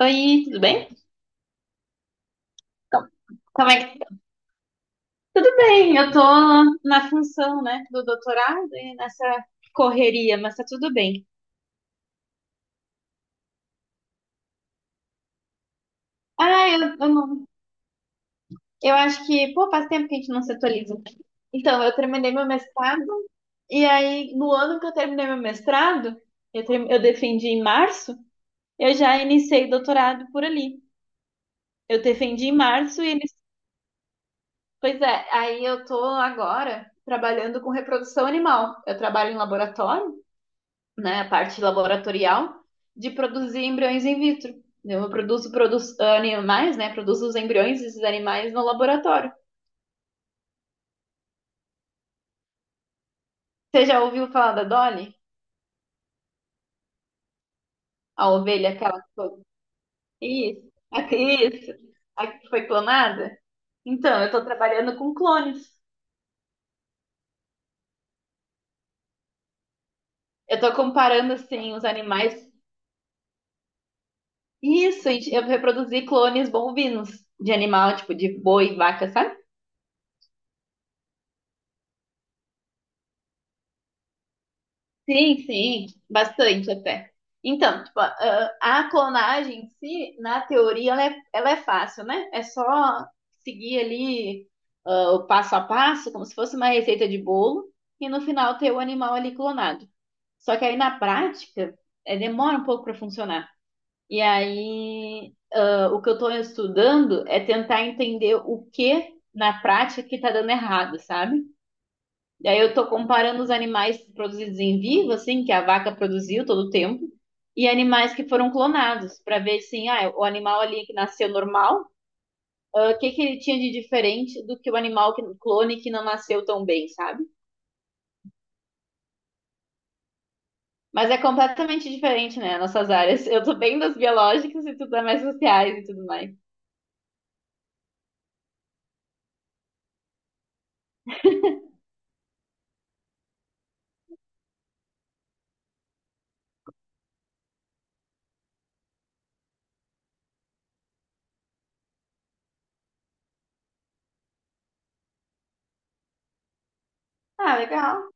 Oi, tudo bem? Como como é que... tá? Tudo bem, eu tô na função, né, do doutorado e nessa correria, mas tá tudo bem. Ah, eu não... Eu acho que, pô, faz tempo que a gente não se atualiza. Então, eu terminei meu mestrado e aí, no ano que eu terminei meu mestrado, eu defendi em março, eu já iniciei o doutorado por ali. Eu defendi em março e eles... Pois é, aí eu tô agora trabalhando com reprodução animal. Eu trabalho em laboratório, né, a parte laboratorial, de produzir embriões in vitro. Eu produzo, produzo animais, né? Produzo os embriões desses animais no laboratório. Você já ouviu falar da Dolly? A ovelha, aquela que foi... Isso, isso, a que foi clonada? Então, eu estou trabalhando com clones. Eu estou comparando, assim, os animais. Isso, eu reproduzi clones bovinos de animal, tipo de boi, vaca, sabe? Sim, sim, bastante até. Então, tipo, a clonagem em si, na teoria, ela é fácil, né? É só seguir ali o passo a passo, como se fosse uma receita de bolo, e no final ter o animal ali clonado. Só que aí na prática, é, demora um pouco para funcionar. E aí, o que eu estou estudando é tentar entender o que na prática que está dando errado, sabe? E aí eu tô comparando os animais produzidos em vivo, assim, que a vaca produziu todo o tempo, e animais que foram clonados, para ver, assim, o animal ali que nasceu normal, o que que ele tinha de diferente do que o animal que, clone que não nasceu tão bem, sabe? Mas é completamente diferente, né, nossas áreas. Eu tô bem das biológicas e tu tá mais sociais e tudo mais. Ah, legal.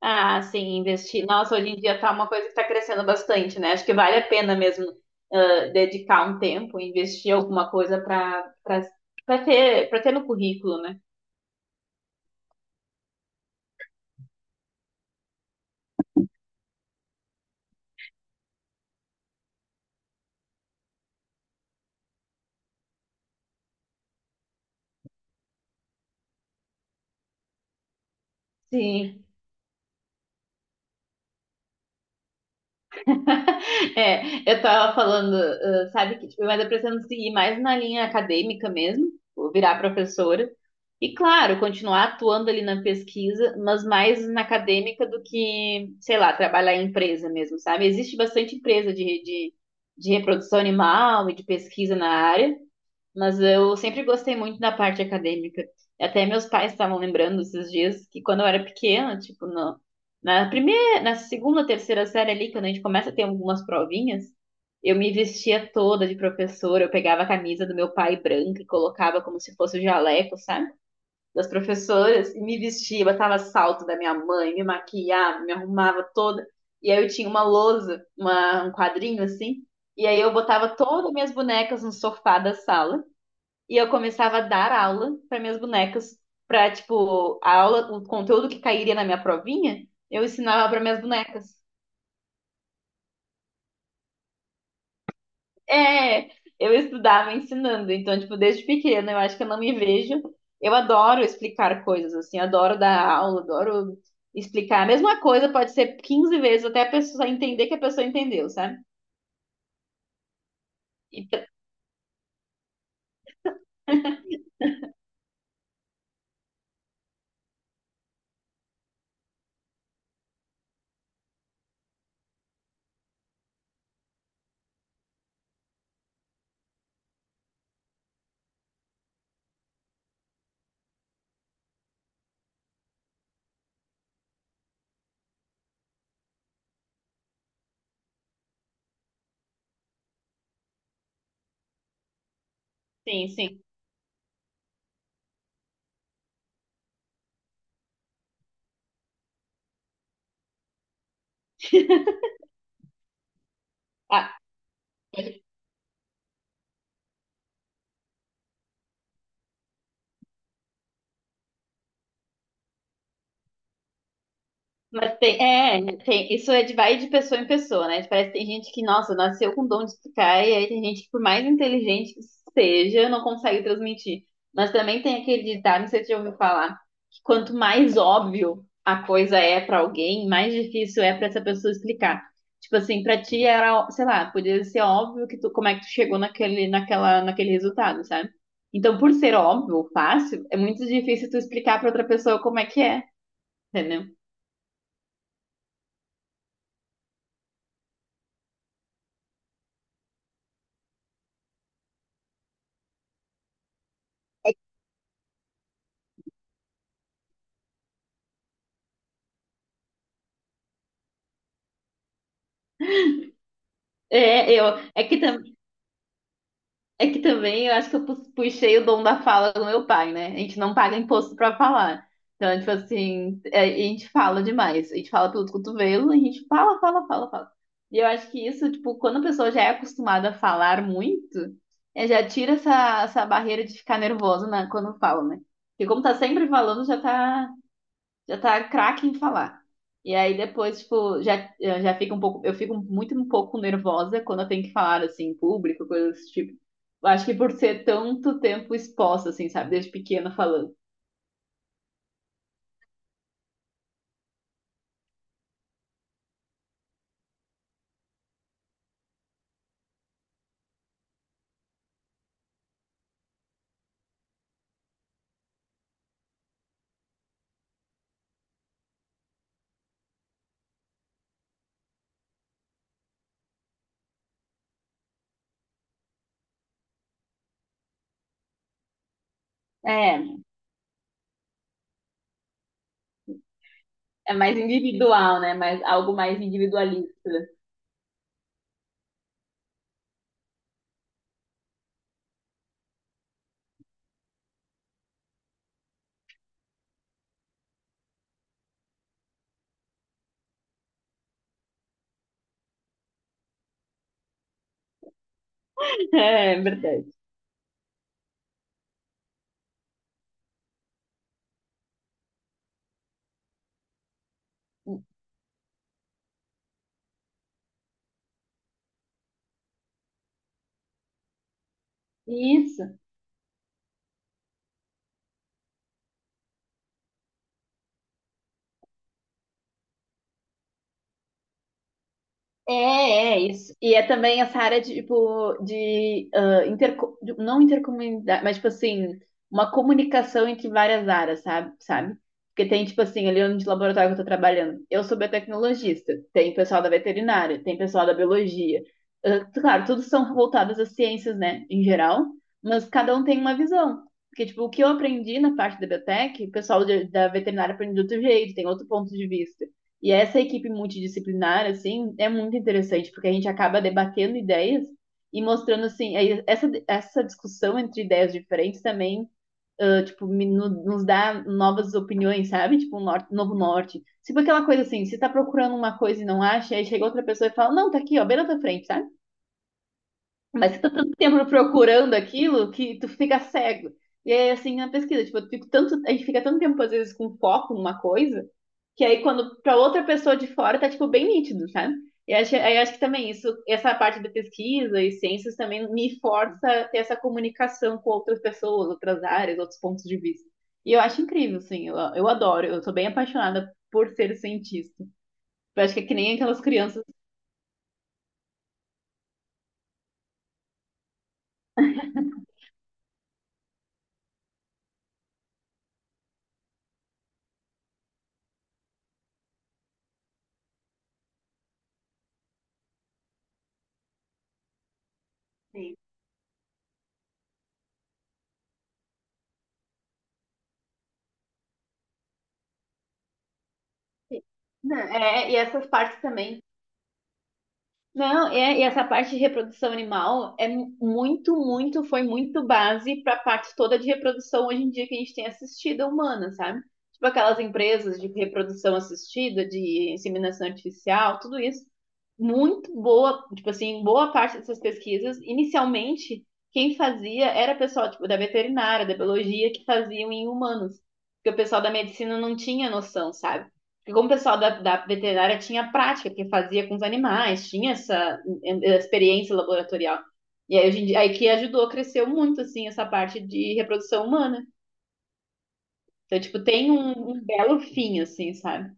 Ah, sim, investir. Nossa, hoje em dia tá uma coisa que está crescendo bastante, né? Acho que vale a pena mesmo dedicar um tempo, investir alguma coisa para ter para ter no currículo, né? Sim, É, eu tava falando, sabe, que tipo, mas eu pretendo seguir mais na linha acadêmica mesmo, vou virar professora. E claro, continuar atuando ali na pesquisa, mas mais na acadêmica do que, sei lá, trabalhar em empresa mesmo, sabe? Existe bastante empresa de reprodução animal e de pesquisa na área. Mas eu sempre gostei muito da parte acadêmica. Até meus pais estavam lembrando esses dias que quando eu era pequena, tipo, no, na primeira, na segunda, terceira série ali, quando a gente começa a ter algumas provinhas, eu me vestia toda de professora, eu pegava a camisa do meu pai branca e colocava como se fosse o jaleco, sabe? Das professoras, e me vestia, botava salto da minha mãe, me maquiava, me arrumava toda. E aí eu tinha uma lousa, um quadrinho assim, e aí eu botava todas as minhas bonecas no sofá da sala. E eu começava a dar aula para minhas bonecas, para tipo, a aula, o conteúdo que cairia na minha provinha, eu ensinava para minhas bonecas. É, eu estudava ensinando, então tipo, desde pequena, eu acho que eu não me vejo. Eu adoro explicar coisas assim, adoro dar aula, adoro explicar. A mesma coisa pode ser 15 vezes até a pessoa entender que a pessoa entendeu, sabe? E, sim, sim. Ah, mas tem, é, tem, isso é de vai de pessoa em pessoa, né? Tipo, parece que tem gente que, nossa, nasceu com dom de tocar, e aí tem gente que, por mais inteligente que seja, não consegue transmitir. Mas também tem aquele ditado, não sei se você já ouviu falar, que quanto mais óbvio a coisa é pra alguém, mais difícil é pra essa pessoa explicar. Tipo assim, pra ti era, ó- sei lá, podia ser óbvio que tu, como é que tu chegou naquele, naquela, naquele resultado, sabe? Então, por ser óbvio, fácil, é muito difícil tu explicar pra outra pessoa como é que é, entendeu? É, eu, é que, tam- é que também eu acho que eu puxei o dom da fala do meu pai, né? A gente não paga imposto pra falar. Então, tipo assim, é, a gente fala demais. A gente fala pelos cotovelos, a gente fala, fala, fala, fala. E eu acho que isso, tipo, quando a pessoa já é acostumada a falar muito, é, já tira essa barreira de ficar nervosa na, quando fala, né? Porque como tá sempre falando, já tá craque em falar. E aí depois, tipo, já, eu fico muito um pouco nervosa quando eu tenho que falar assim em público, coisas desse tipo. Eu acho que por ser tanto tempo exposta, assim, sabe, desde pequena falando. É, é mais individual, né? Mais, algo mais individualista. É, é verdade. Isso. É, é isso. E é também essa área de, tipo, de, não intercomunidade, mas, tipo assim, uma comunicação entre várias áreas, sabe? Sabe? Porque tem, tipo assim, ali onde o laboratório que eu tô trabalhando, eu sou biotecnologista, tem pessoal da veterinária, tem pessoal da biologia. Ah, claro, todos são voltados às ciências, né, em geral, mas cada um tem uma visão. Porque, tipo, o que eu aprendi na parte da biotech, o pessoal da veterinária aprende de outro jeito, tem outro ponto de vista. E essa equipe multidisciplinar, assim, é muito interessante, porque a gente acaba debatendo ideias e mostrando, assim, aí essa discussão entre ideias diferentes também, tipo, nos dá novas opiniões, sabe? Tipo, um norte, novo norte. Tipo aquela coisa assim, você tá procurando uma coisa e não acha, aí chega outra pessoa e fala, não, tá aqui, ó, bem na tua frente, sabe? Mas você tá tanto tempo procurando aquilo que tu fica cego. E aí, assim, na pesquisa, tipo, eu fico tanto, a gente fica tanto tempo, às vezes, com foco numa coisa, que aí, quando para outra pessoa de fora, tá, tipo, bem nítido, sabe? E acho, aí acho que também isso, essa parte da pesquisa e ciências também me força a ter essa comunicação com outras pessoas, outras áreas, outros pontos de vista. E eu acho incrível, assim, eu adoro, eu sou bem apaixonada por ser cientista. Eu acho que é que nem aquelas crianças. Sim. Não, é, e essas partes também Não, é, e essa parte de reprodução animal é muito, muito, foi muito base para a parte toda de reprodução hoje em dia que a gente tem assistida humana, sabe? Tipo aquelas empresas de reprodução assistida, de inseminação artificial, tudo isso. Muito boa, tipo assim, boa parte dessas pesquisas, inicialmente, quem fazia era pessoal, tipo, da veterinária, da biologia, que faziam em humanos. Porque o pessoal da medicina não tinha noção, sabe? Porque como o pessoal da veterinária tinha prática que fazia com os animais, tinha essa experiência laboratorial. E aí, hoje em dia, aí que ajudou, cresceu muito, assim, essa parte de reprodução humana. Então, tipo, tem um belo fim, assim, sabe?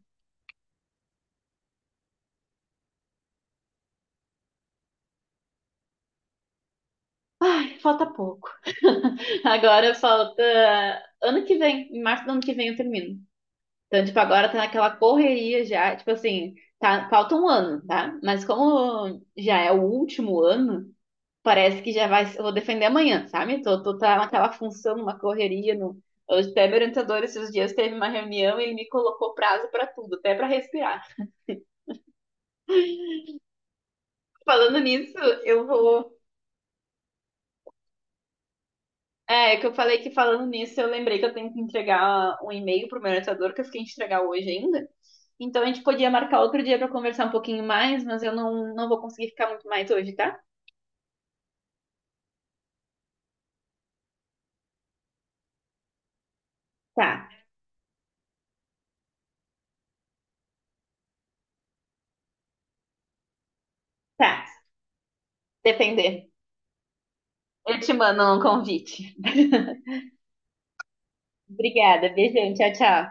Ai, falta pouco. Agora falta ano que vem, em março do ano que vem eu termino. Então, tipo, agora tá naquela correria já, tipo assim, tá, falta um ano, tá? Mas como já é o último ano, parece que já vai, eu vou defender amanhã, sabe? Tô, tá naquela função, numa correria, no, hoje até meu orientador esses dias teve uma reunião e ele me colocou prazo pra tudo, até pra respirar. Falando nisso, eu vou, é, que eu falei que falando nisso, eu lembrei que eu tenho que entregar um e-mail pro meu orientador que eu fiquei de entregar hoje ainda. Então a gente podia marcar outro dia pra conversar um pouquinho mais, mas eu não vou conseguir ficar muito mais hoje, tá? Tá, tá. Depender. Eu te mando um convite. Obrigada, beijão, tchau, tchau.